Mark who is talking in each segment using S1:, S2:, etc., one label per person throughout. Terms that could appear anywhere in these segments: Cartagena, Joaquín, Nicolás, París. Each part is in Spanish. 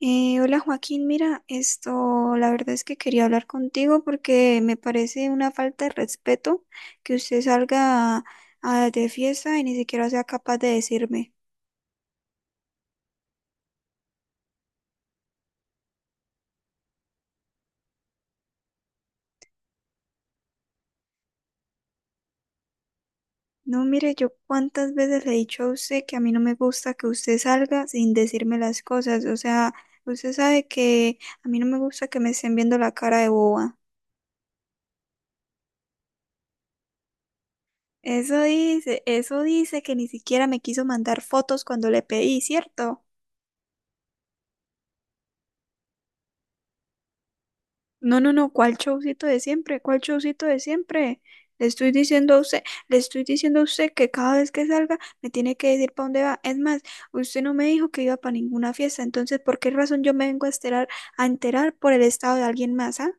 S1: Hola, Joaquín, mira, esto, la verdad es que quería hablar contigo porque me parece una falta de respeto que usted salga de fiesta y ni siquiera sea capaz de decirme. No, mire, yo cuántas veces le he dicho a usted que a mí no me gusta que usted salga sin decirme las cosas. O sea, usted sabe que a mí no me gusta que me estén viendo la cara de boba. Eso dice que ni siquiera me quiso mandar fotos cuando le pedí, ¿cierto? No, no, no, ¿cuál showcito de siempre? ¿Cuál showcito de siempre? Le estoy diciendo a usted, le estoy diciendo a usted que cada vez que salga me tiene que decir para dónde va. Es más, usted no me dijo que iba para ninguna fiesta, entonces, ¿por qué razón yo me vengo a enterar por el estado de alguien más, ah?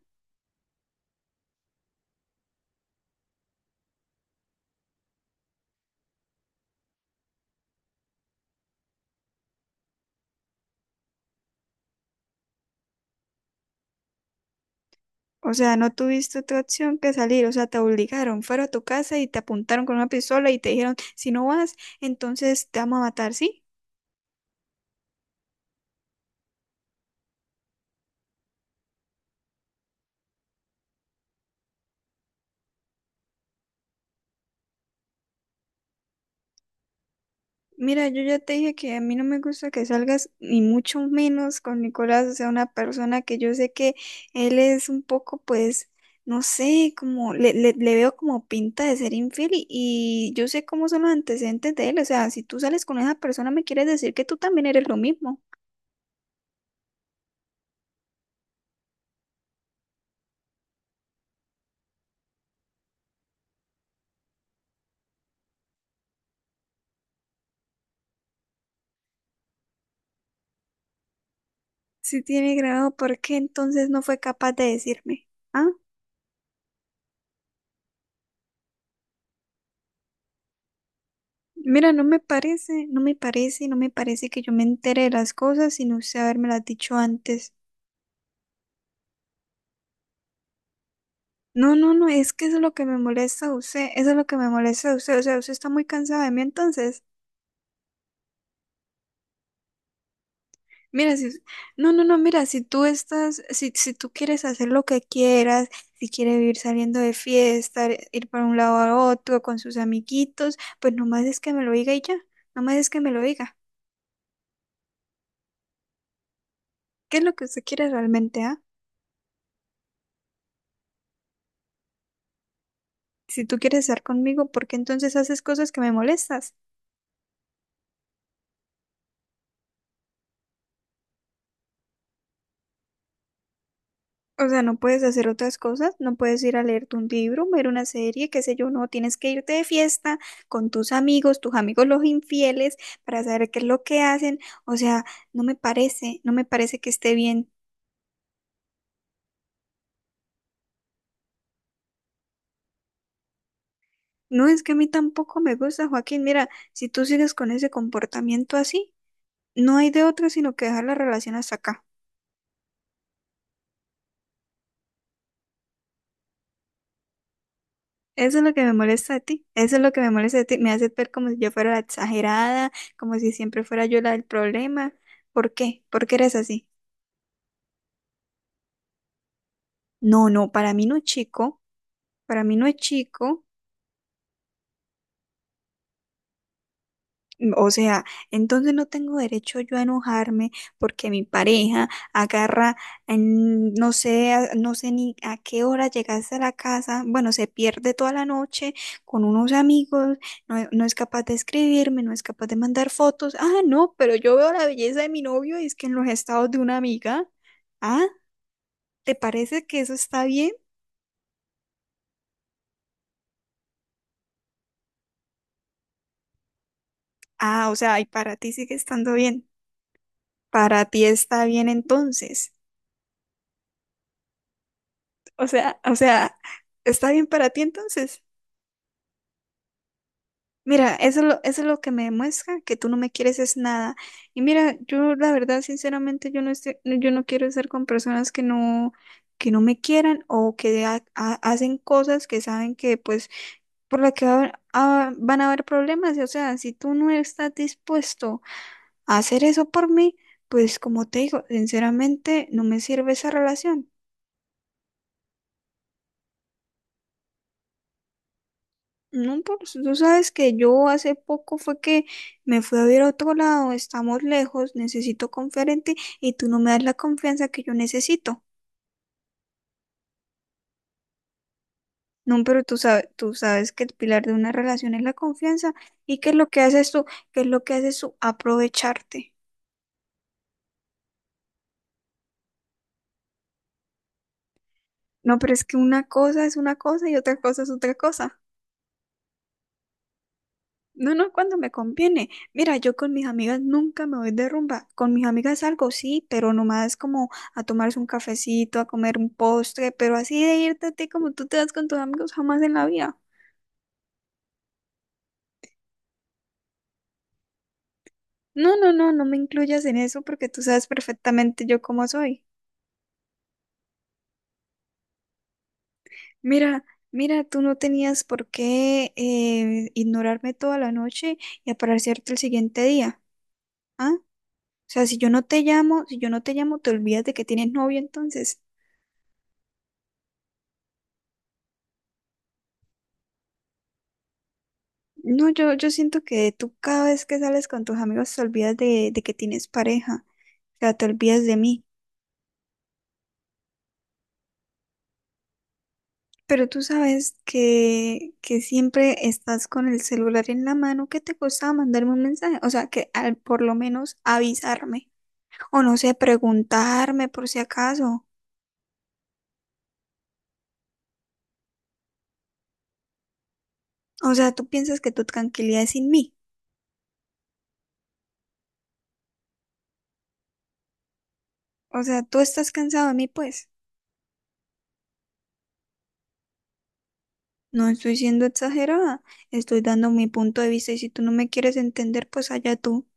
S1: O sea, no tuviste otra opción que salir, o sea, te obligaron, fueron a tu casa y te apuntaron con una pistola y te dijeron, si no vas, entonces te vamos a matar, ¿sí? Mira, yo ya te dije que a mí no me gusta que salgas ni mucho menos con Nicolás, o sea, una persona que yo sé que él es un poco, pues, no sé, como le veo como pinta de ser infiel y yo sé cómo son los antecedentes de él. O sea, si tú sales con esa persona me quieres decir que tú también eres lo mismo. Si tiene grado, ¿por qué entonces no fue capaz de decirme? Ah, mira, no me parece, no me parece, no me parece que yo me entere de las cosas sin usted habérmelas dicho antes. No, no, no, es que eso es lo que me molesta a usted, eso es lo que me molesta a usted, o sea, usted está muy cansada de mí, entonces, mira, no, no, no, mira, si tú estás, si, si tú quieres hacer lo que quieras, si quieres vivir saliendo de fiesta, ir para un lado a otro con sus amiguitos, pues nomás es que me lo diga y ya, nomás es que me lo diga. ¿Qué es lo que usted quiere realmente, ah? Si tú quieres estar conmigo, ¿por qué entonces haces cosas que me molestas? O sea, no puedes hacer otras cosas, no puedes ir a leerte un libro, ver una serie, qué sé yo, no, tienes que irte de fiesta con tus amigos los infieles, para saber qué es lo que hacen. O sea, no me parece, no me parece que esté bien. No, es que a mí tampoco me gusta, Joaquín. Mira, si tú sigues con ese comportamiento así, no hay de otra sino que dejar la relación hasta acá. Eso es lo que me molesta de ti, eso es lo que me molesta de ti, me hace ver como si yo fuera la exagerada, como si siempre fuera yo la del problema. ¿Por qué? ¿Por qué eres así? No, no, para mí no es chico, para mí no es chico. O sea, entonces no tengo derecho yo a enojarme porque mi pareja agarra, no sé, no sé ni a qué hora llegaste a la casa, bueno, se pierde toda la noche con unos amigos, no, no es capaz de escribirme, no es capaz de mandar fotos. Ah, no, pero yo veo la belleza de mi novio y es que en los estados de una amiga. Ah, ¿te parece que eso está bien? Ah, o sea, y para ti sigue estando bien. Para ti está bien entonces. O sea, está bien para ti entonces. Mira, eso es lo que me demuestra que tú no me quieres es nada. Y mira, yo la verdad, sinceramente, yo no quiero estar con personas que no me quieran o que hacen cosas que saben que pues por la que ah, van a haber problemas. Y, o sea, si tú no estás dispuesto a hacer eso por mí, pues como te digo, sinceramente no me sirve esa relación. No, pues tú sabes que yo hace poco fue que me fui a ver a otro lado, estamos lejos, necesito conferente y tú no me das la confianza que yo necesito. No, pero tú sabes que el pilar de una relación es la confianza y que lo que haces tú, que es lo que haces tú, aprovecharte. No, pero es que una cosa es una cosa y otra cosa es otra cosa. No, no, cuando me conviene. Mira, yo con mis amigas nunca me voy de rumba. Con mis amigas salgo, sí, pero nomás como a tomarse un cafecito, a comer un postre, pero así de irte a ti como tú te vas con tus amigos jamás en la vida. No, no, no, no me incluyas en eso porque tú sabes perfectamente yo cómo soy. Mira, mira, tú no tenías por qué ignorarme toda la noche y aparecerte el siguiente día, ¿ah? O sea, si yo no te llamo, si yo no te llamo, te olvidas de que tienes novio entonces. No, yo siento que tú cada vez que sales con tus amigos te olvidas de que tienes pareja, o sea, te olvidas de mí, pero tú sabes que siempre estás con el celular en la mano, ¿qué te costaba mandarme un mensaje? O sea, que al, por lo menos avisarme, o no sé, preguntarme por si acaso, o sea, tú piensas que tu tranquilidad es sin mí, o sea, tú estás cansado de mí, pues. No estoy siendo exagerada, estoy dando mi punto de vista y si tú no me quieres entender, pues allá tú.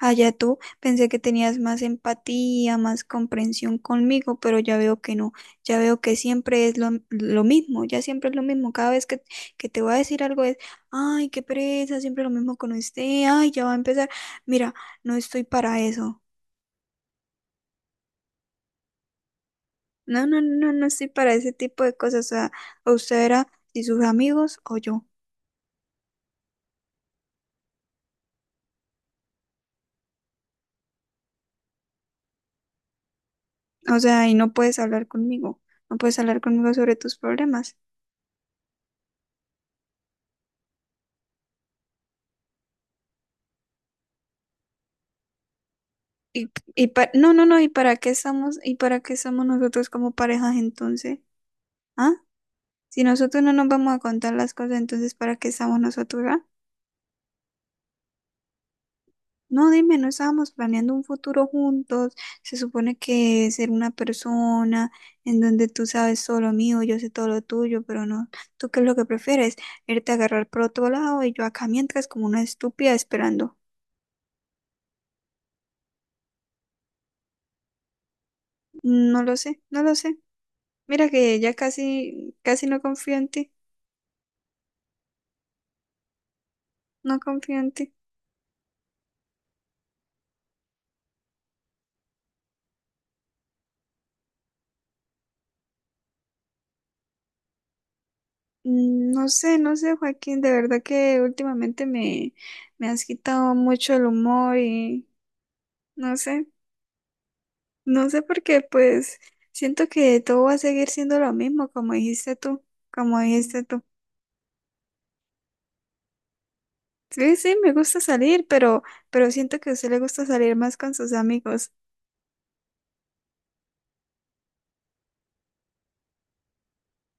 S1: Allá tú, pensé que tenías más empatía, más comprensión conmigo, pero ya veo que no, ya veo que siempre es lo mismo, ya siempre es lo mismo, cada vez que te voy a decir algo es, ay, qué pereza, siempre lo mismo con usted, ay, ya va a empezar, mira, no estoy para eso, no, no, no, no estoy para ese tipo de cosas, o sea, o usted era y sus amigos o yo, o sea, y no puedes hablar conmigo, no puedes hablar conmigo sobre tus problemas. No, no, no, ¿y para qué estamos, y para qué estamos nosotros como parejas entonces? ¿Ah? Si nosotros no nos vamos a contar las cosas, entonces ¿para qué estamos nosotros, ah? No, dime, no estábamos planeando un futuro juntos. Se supone que ser una persona en donde tú sabes todo lo mío, yo sé todo lo tuyo, pero no. ¿Tú qué es lo que prefieres? Irte a agarrar por otro lado y yo acá mientras como una estúpida esperando. No lo sé, no lo sé. Mira que ya casi, casi no confío en ti, no confío en ti. No sé, no sé, Joaquín, de verdad que últimamente me, me has quitado mucho el humor y no sé, no sé por qué, pues siento que todo va a seguir siendo lo mismo, como dijiste tú, como dijiste tú. Sí, sí, me gusta salir, pero siento que a usted le gusta salir más con sus amigos.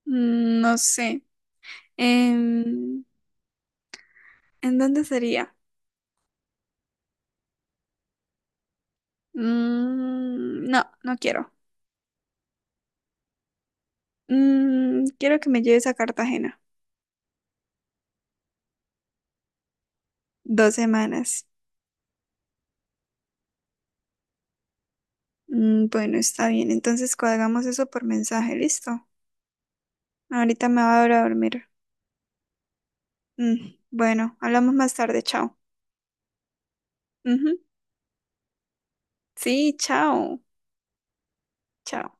S1: No sé, en ¿en dónde sería? Mm, no, no quiero. Mm, quiero que me lleves a Cartagena. Dos semanas. Bueno, está bien. Entonces cuadramos eso por mensaje, listo. Ahorita me voy a ir a dormir. Bueno, hablamos más tarde, chao. Ujú. Sí, chao. Chao.